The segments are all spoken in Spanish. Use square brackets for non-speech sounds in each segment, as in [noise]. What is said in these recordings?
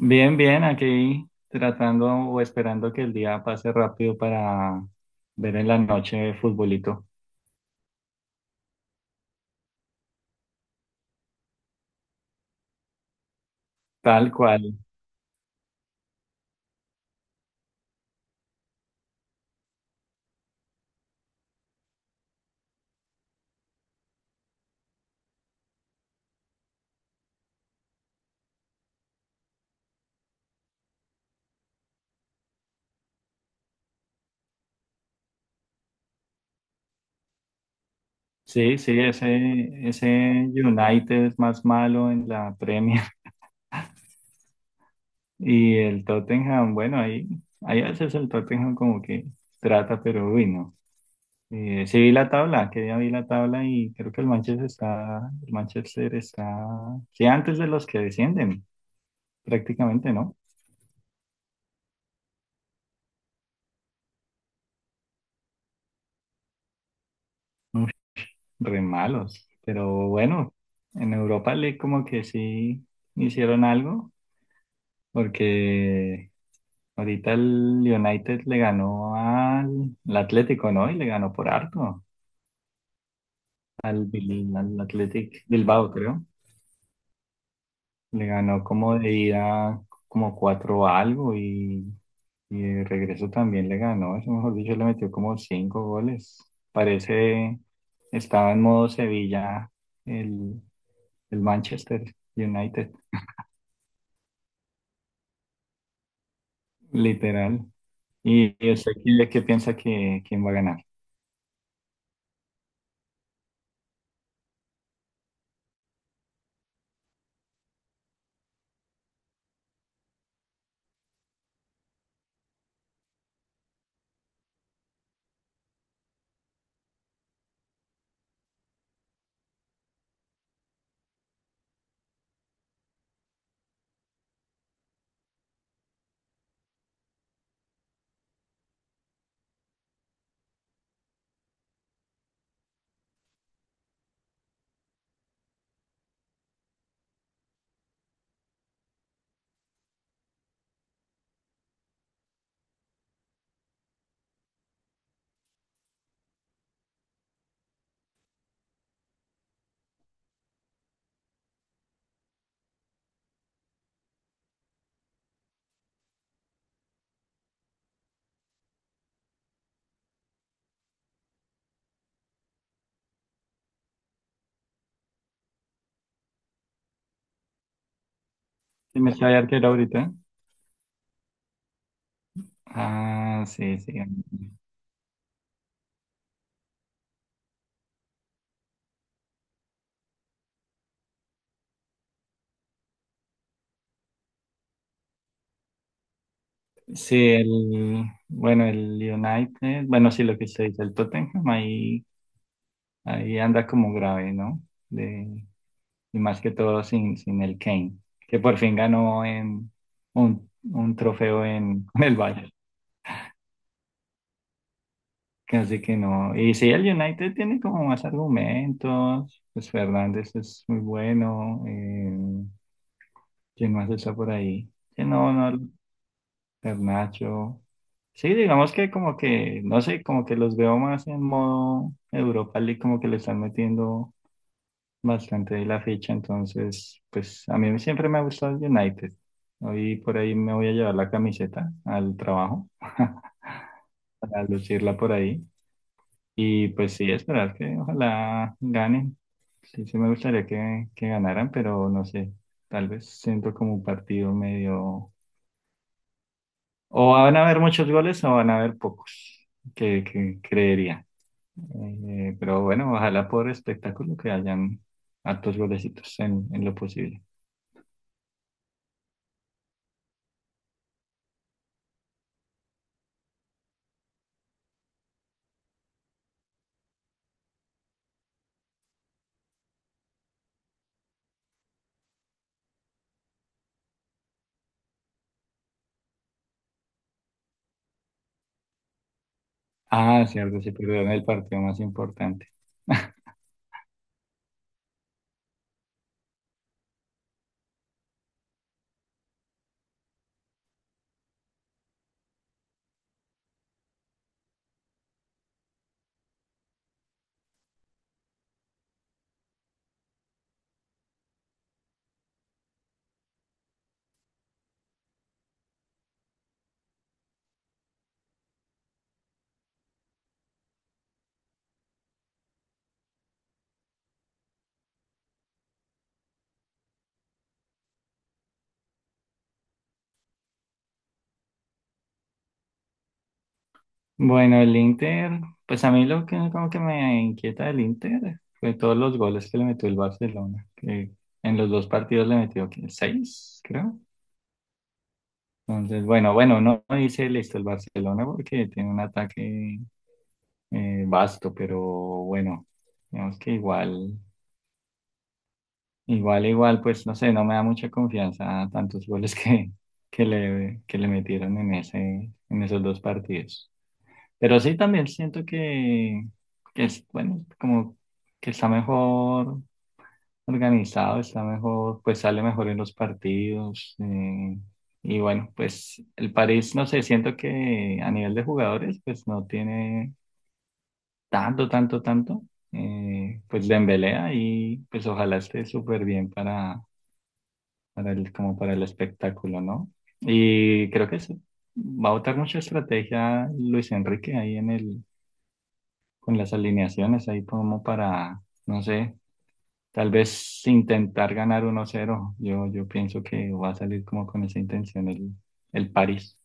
Bien, bien, aquí tratando o esperando que el día pase rápido para ver en la noche futbolito. Tal cual. Sí, sí, ese United es más malo en la Premier. [laughs] Y el Tottenham, bueno, ahí a veces el Tottenham como que trata, pero uy, no. Sí vi la tabla, que ya vi la tabla y creo que el Manchester está, sí, antes de los que descienden, prácticamente, ¿no? Re malos. Pero bueno, en Europa le como que sí hicieron algo, porque ahorita el United le ganó al Atlético, ¿no? Y le ganó por harto al, al Athletic Bilbao, creo. Le ganó como de ida como cuatro algo y de regreso también le ganó. Eso, mejor dicho, le metió como cinco goles. Parece estaba en modo Sevilla el, el Manchester United. Literal. Y usted qué, qué piensa que quién va a ganar. ¿El mercado de arquero ahorita? Ah, sí, sí. Sí, el, bueno, el United, bueno, sí, lo que usted dice, el Tottenham ahí anda como grave, ¿no? De, y más que todo sin el Kane, que por fin ganó en un trofeo en el Bayern. Así que no. Y sí, el United tiene como más argumentos. Pues Fernández es muy bueno. Quién más está por ahí? Que no, no, Garnacho. Sí, digamos que como que, no sé, como que los veo más en modo Europa League, como que le están metiendo bastante de la ficha, entonces, pues a mí siempre me ha gustado el United. Hoy por ahí me voy a llevar la camiseta al trabajo [laughs] para lucirla por ahí. Y pues sí, esperar que ojalá ganen. Sí, sí me gustaría que ganaran, pero no sé, tal vez siento como un partido medio. O van a haber muchos goles o van a haber pocos, que creería. Pero bueno, ojalá por espectáculo que hayan hartos golecitos en lo posible. Ah, cierto, se perdieron el partido más importante. [laughs] Bueno, el Inter, pues a mí lo que como que me inquieta del Inter fue todos los goles que le metió el Barcelona, que en los dos partidos le metió ¿qué? Seis, creo. Entonces, bueno, bueno, no dice listo el Barcelona porque tiene un ataque vasto, pero bueno, digamos que igual, pues no sé, no me da mucha confianza tantos [laughs] goles que, que le metieron en ese, en esos dos partidos. Pero sí también siento que es, bueno, como que está mejor organizado, está mejor, pues sale mejor en los partidos. Y bueno, pues el París, no sé, siento que a nivel de jugadores, pues no tiene tanto, pues Dembélé ahí, pues ojalá esté súper bien para el, como para el espectáculo, ¿no? Y creo que sí, va a botar mucha estrategia Luis Enrique ahí en el, con las alineaciones, ahí como para, no sé, tal vez intentar ganar 1-0. Yo pienso que va a salir como con esa intención el París.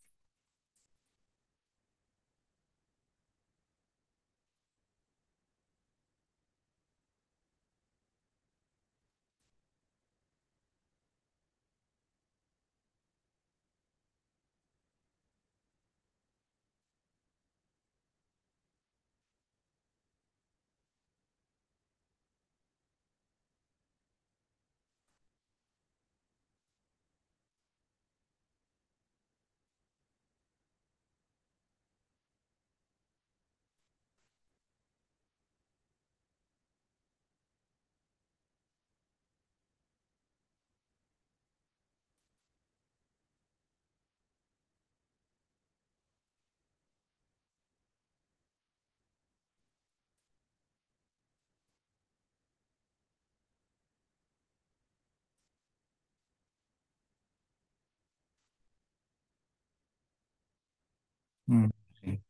Mm, sí.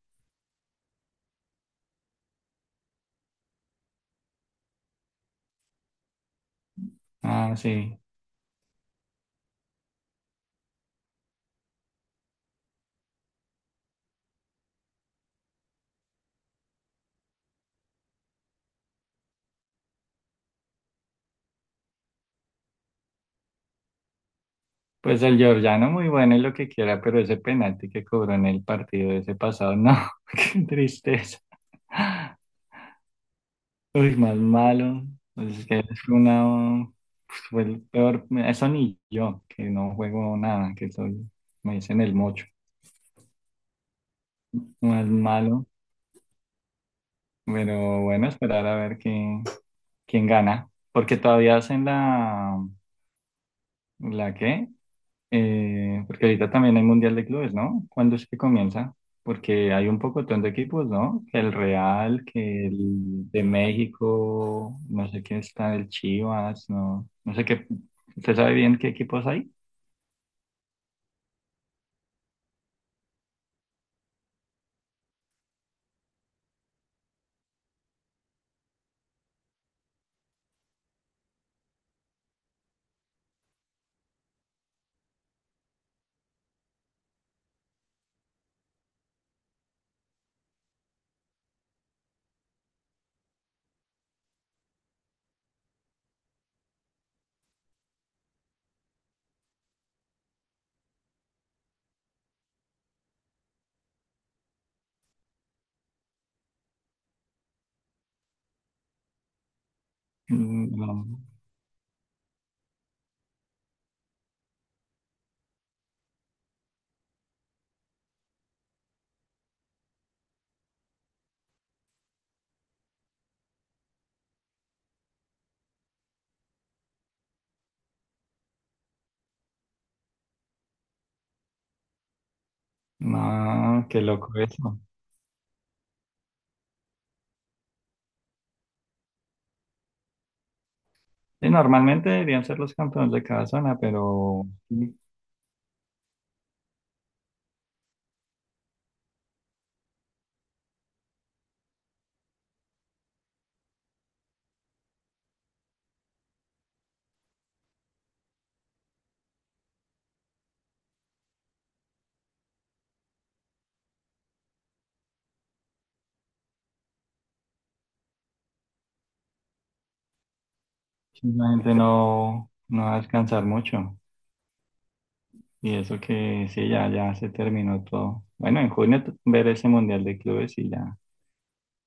Ah, sí. Pues el georgiano muy bueno y lo que quiera, pero ese penalti que cobró en el partido de ese pasado, no, [laughs] qué tristeza. Uy, más malo. Pues es que es una, pues fue el peor, eso ni yo, que no juego nada, que soy, me dicen el mocho, más malo. Pero bueno, esperar a ver quién, quién gana, porque todavía hacen la, ¿la qué? Porque ahorita también hay Mundial de Clubes, ¿no? ¿Cuándo es que comienza? Porque hay un pocotón de equipos, ¿no? Que el Real, que el de México, no sé quién está, el Chivas, no, no sé qué. ¿Usted sabe bien qué equipos hay? Mm, no, no, qué loco eso. Y normalmente deberían ser los campeones de cada zona, pero sí, sí, la gente no, no va a descansar mucho. Y eso que sí, ya, ya se terminó todo. Bueno, en junio ver ese Mundial de Clubes y ya.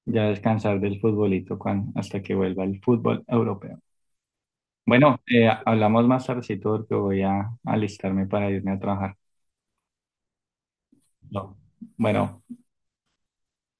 Ya descansar del futbolito hasta que vuelva el fútbol europeo. Bueno, hablamos más tardecito porque voy a alistarme para irme a trabajar. No. Bueno.